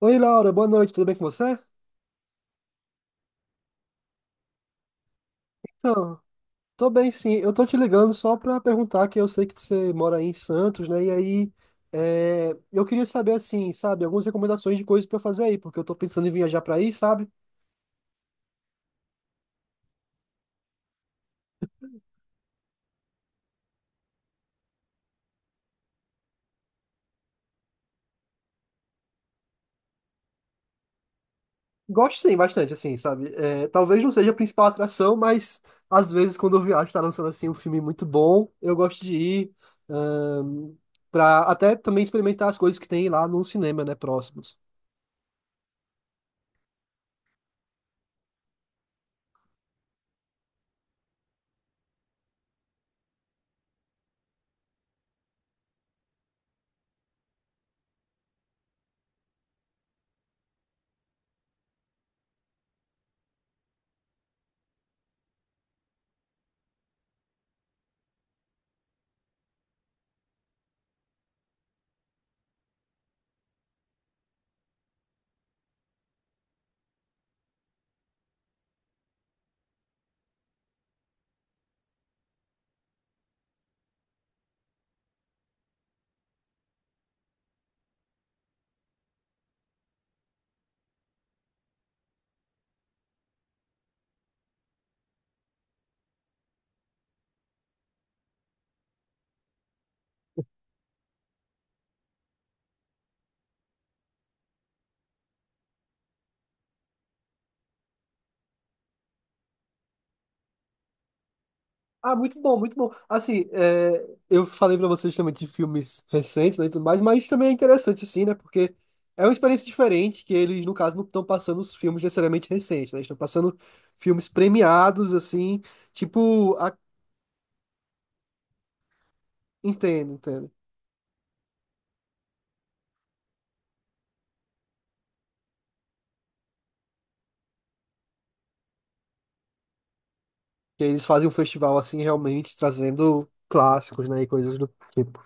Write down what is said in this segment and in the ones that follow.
Oi, Laura, boa noite, tudo bem com você? Então, tô bem sim. Eu tô te ligando só pra perguntar que eu sei que você mora aí em Santos, né? E aí, eu queria saber, assim, sabe, algumas recomendações de coisas pra fazer aí, porque eu tô pensando em viajar pra aí, sabe? Gosto sim, bastante, assim, sabe? É, talvez não seja a principal atração, mas às vezes quando eu viajo, tá lançando, assim, um filme muito bom, eu gosto de ir, ahn, pra até também experimentar as coisas que tem lá no cinema, né, próximos. Ah, muito bom, muito bom. Assim, eu falei pra vocês também de filmes recentes, né, e tudo mais, mas também é interessante, assim, né, porque é uma experiência diferente, que eles, no caso, não estão passando os filmes necessariamente recentes, né, eles estão passando filmes premiados, assim, tipo, entendo, entendo. Que eles fazem um festival, assim, realmente trazendo clássicos, né, e coisas do tipo.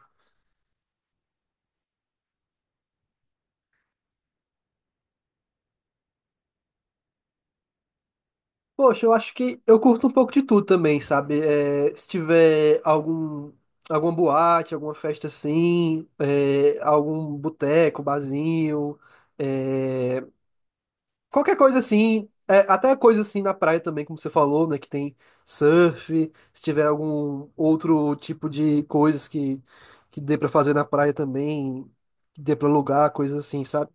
Poxa, eu acho que eu curto um pouco de tudo também, sabe? É, se tiver algum, alguma boate, alguma festa assim, é, algum boteco, barzinho, é, qualquer coisa assim, é, até coisa assim na praia também, como você falou, né? Que tem surf, se tiver algum outro tipo de coisas que dê pra fazer na praia também, que dê pra alugar, coisas assim, sabe?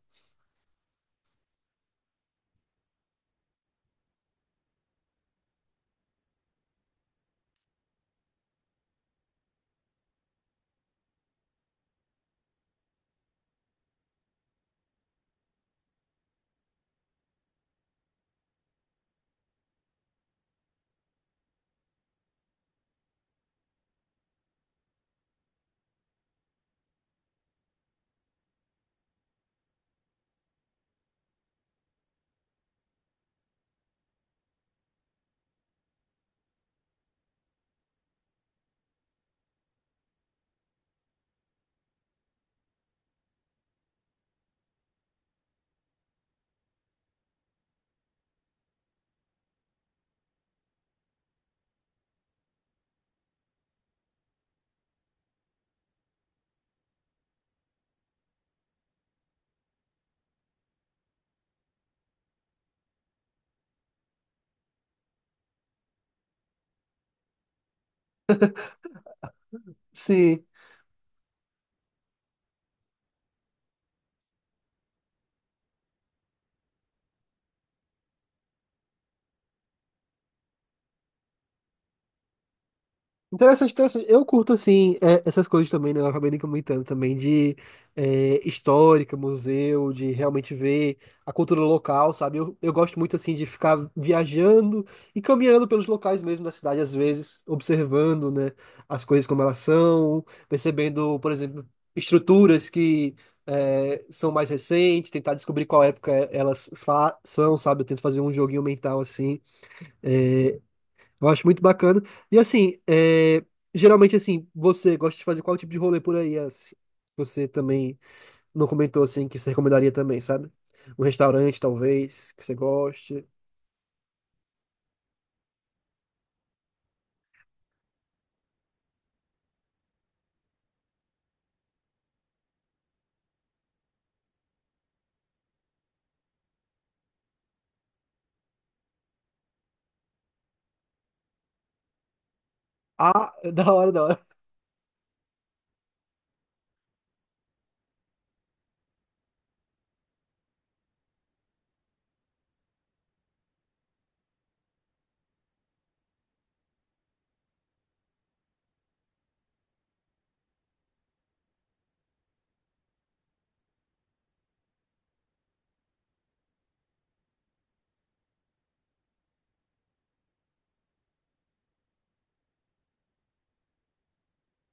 Interessante, interessante. Eu curto, assim, é, essas coisas também, né? Eu acabei nem comentando também de histórica, museu, de realmente ver a cultura local, sabe? Eu gosto muito, assim, de ficar viajando e caminhando pelos locais mesmo da cidade, às vezes, observando, né, as coisas como elas são, percebendo, por exemplo, estruturas que são mais recentes, tentar descobrir qual época são, sabe? Eu tento fazer um joguinho mental, assim. é, eu acho muito bacana. E assim, geralmente assim, você gosta de fazer qual tipo de rolê por aí? Assim? Você também não comentou assim que você recomendaria também, sabe? Um restaurante, talvez, que você goste. Ah, da hora, da hora.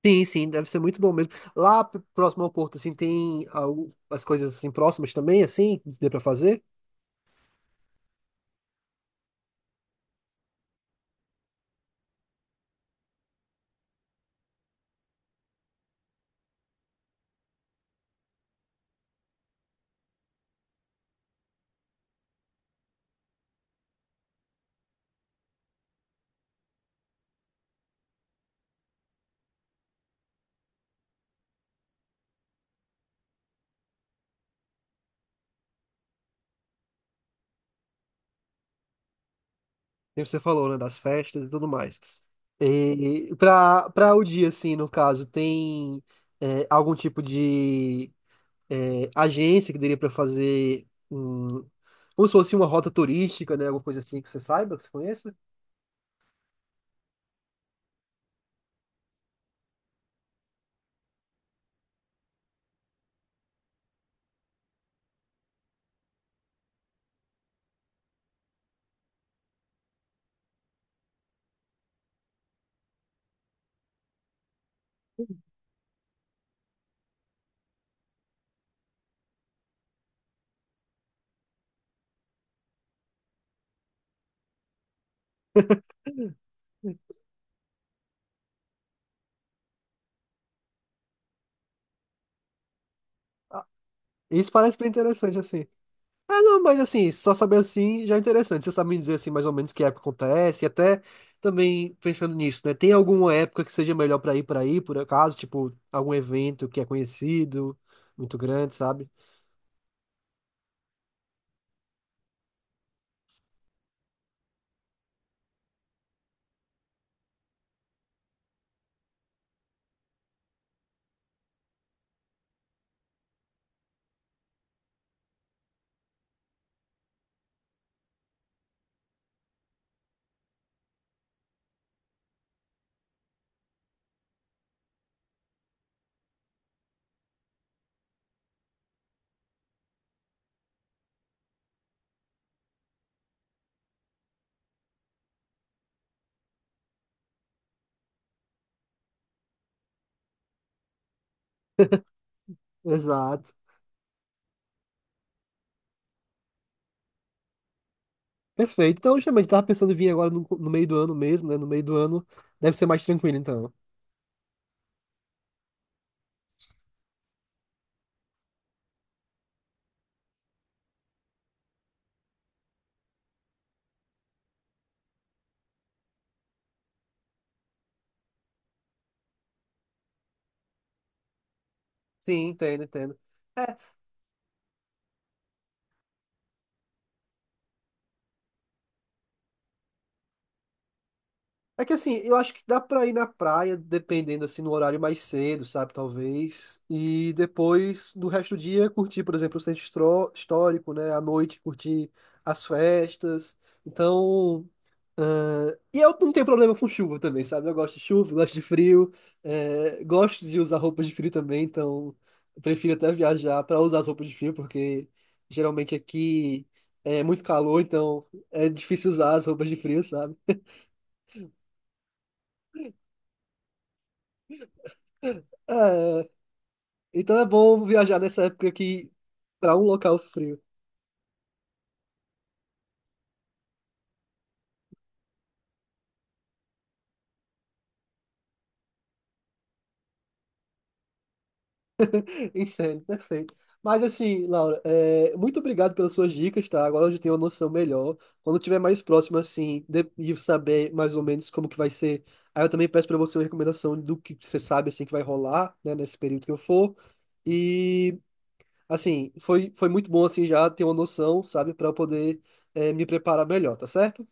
Sim, sim, deve ser muito bom mesmo. Lá próximo ao Porto, assim, tem algo, as coisas assim próximas também, assim, que dê pra fazer. Tem o que você falou, né, das festas e tudo mais. E para o dia, assim, no caso, tem algum tipo de agência que daria para fazer um, como se fosse uma rota turística, né? Alguma coisa assim que você saiba, que você conheça. Ah, isso parece bem interessante, assim. Ah, não, mas assim, só saber assim já é interessante. Você sabe me dizer assim, mais ou menos que época acontece, e até também pensando nisso, né? Tem alguma época que seja melhor para ir para aí, por acaso, tipo, algum evento que é conhecido, muito grande, sabe? Exato. Perfeito. Então, justamente, tava pensando em vir agora no, no meio do ano mesmo, né? No meio do ano deve ser mais tranquilo, então. Sim, entendo, entendo. É que assim, eu acho que dá pra ir na praia, dependendo assim, no horário mais cedo, sabe, talvez. E depois, do resto do dia, curtir, por exemplo, o centro histórico, né? À noite, curtir as festas. Então. Ah, e eu não tenho problema com chuva também, sabe? Eu gosto de chuva, gosto de frio, gosto de usar roupas de frio também, então eu prefiro até viajar pra usar as roupas de frio, porque geralmente aqui é muito calor, então é difícil usar as roupas de frio, sabe? É, então é bom viajar nessa época aqui para um local frio. Entendo, perfeito. Mas assim, Laura, muito obrigado pelas suas dicas, tá? Agora eu já tenho uma noção melhor. Quando tiver mais próximo, assim, de, e saber mais ou menos como que vai ser, aí eu também peço para você uma recomendação do que você sabe, assim, que vai rolar, né, nesse período que eu for. E, assim, foi muito bom, assim, já ter uma noção, sabe, para eu poder, me preparar melhor, tá certo?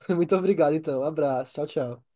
Muito obrigado, então. Abraço. Tchau, tchau.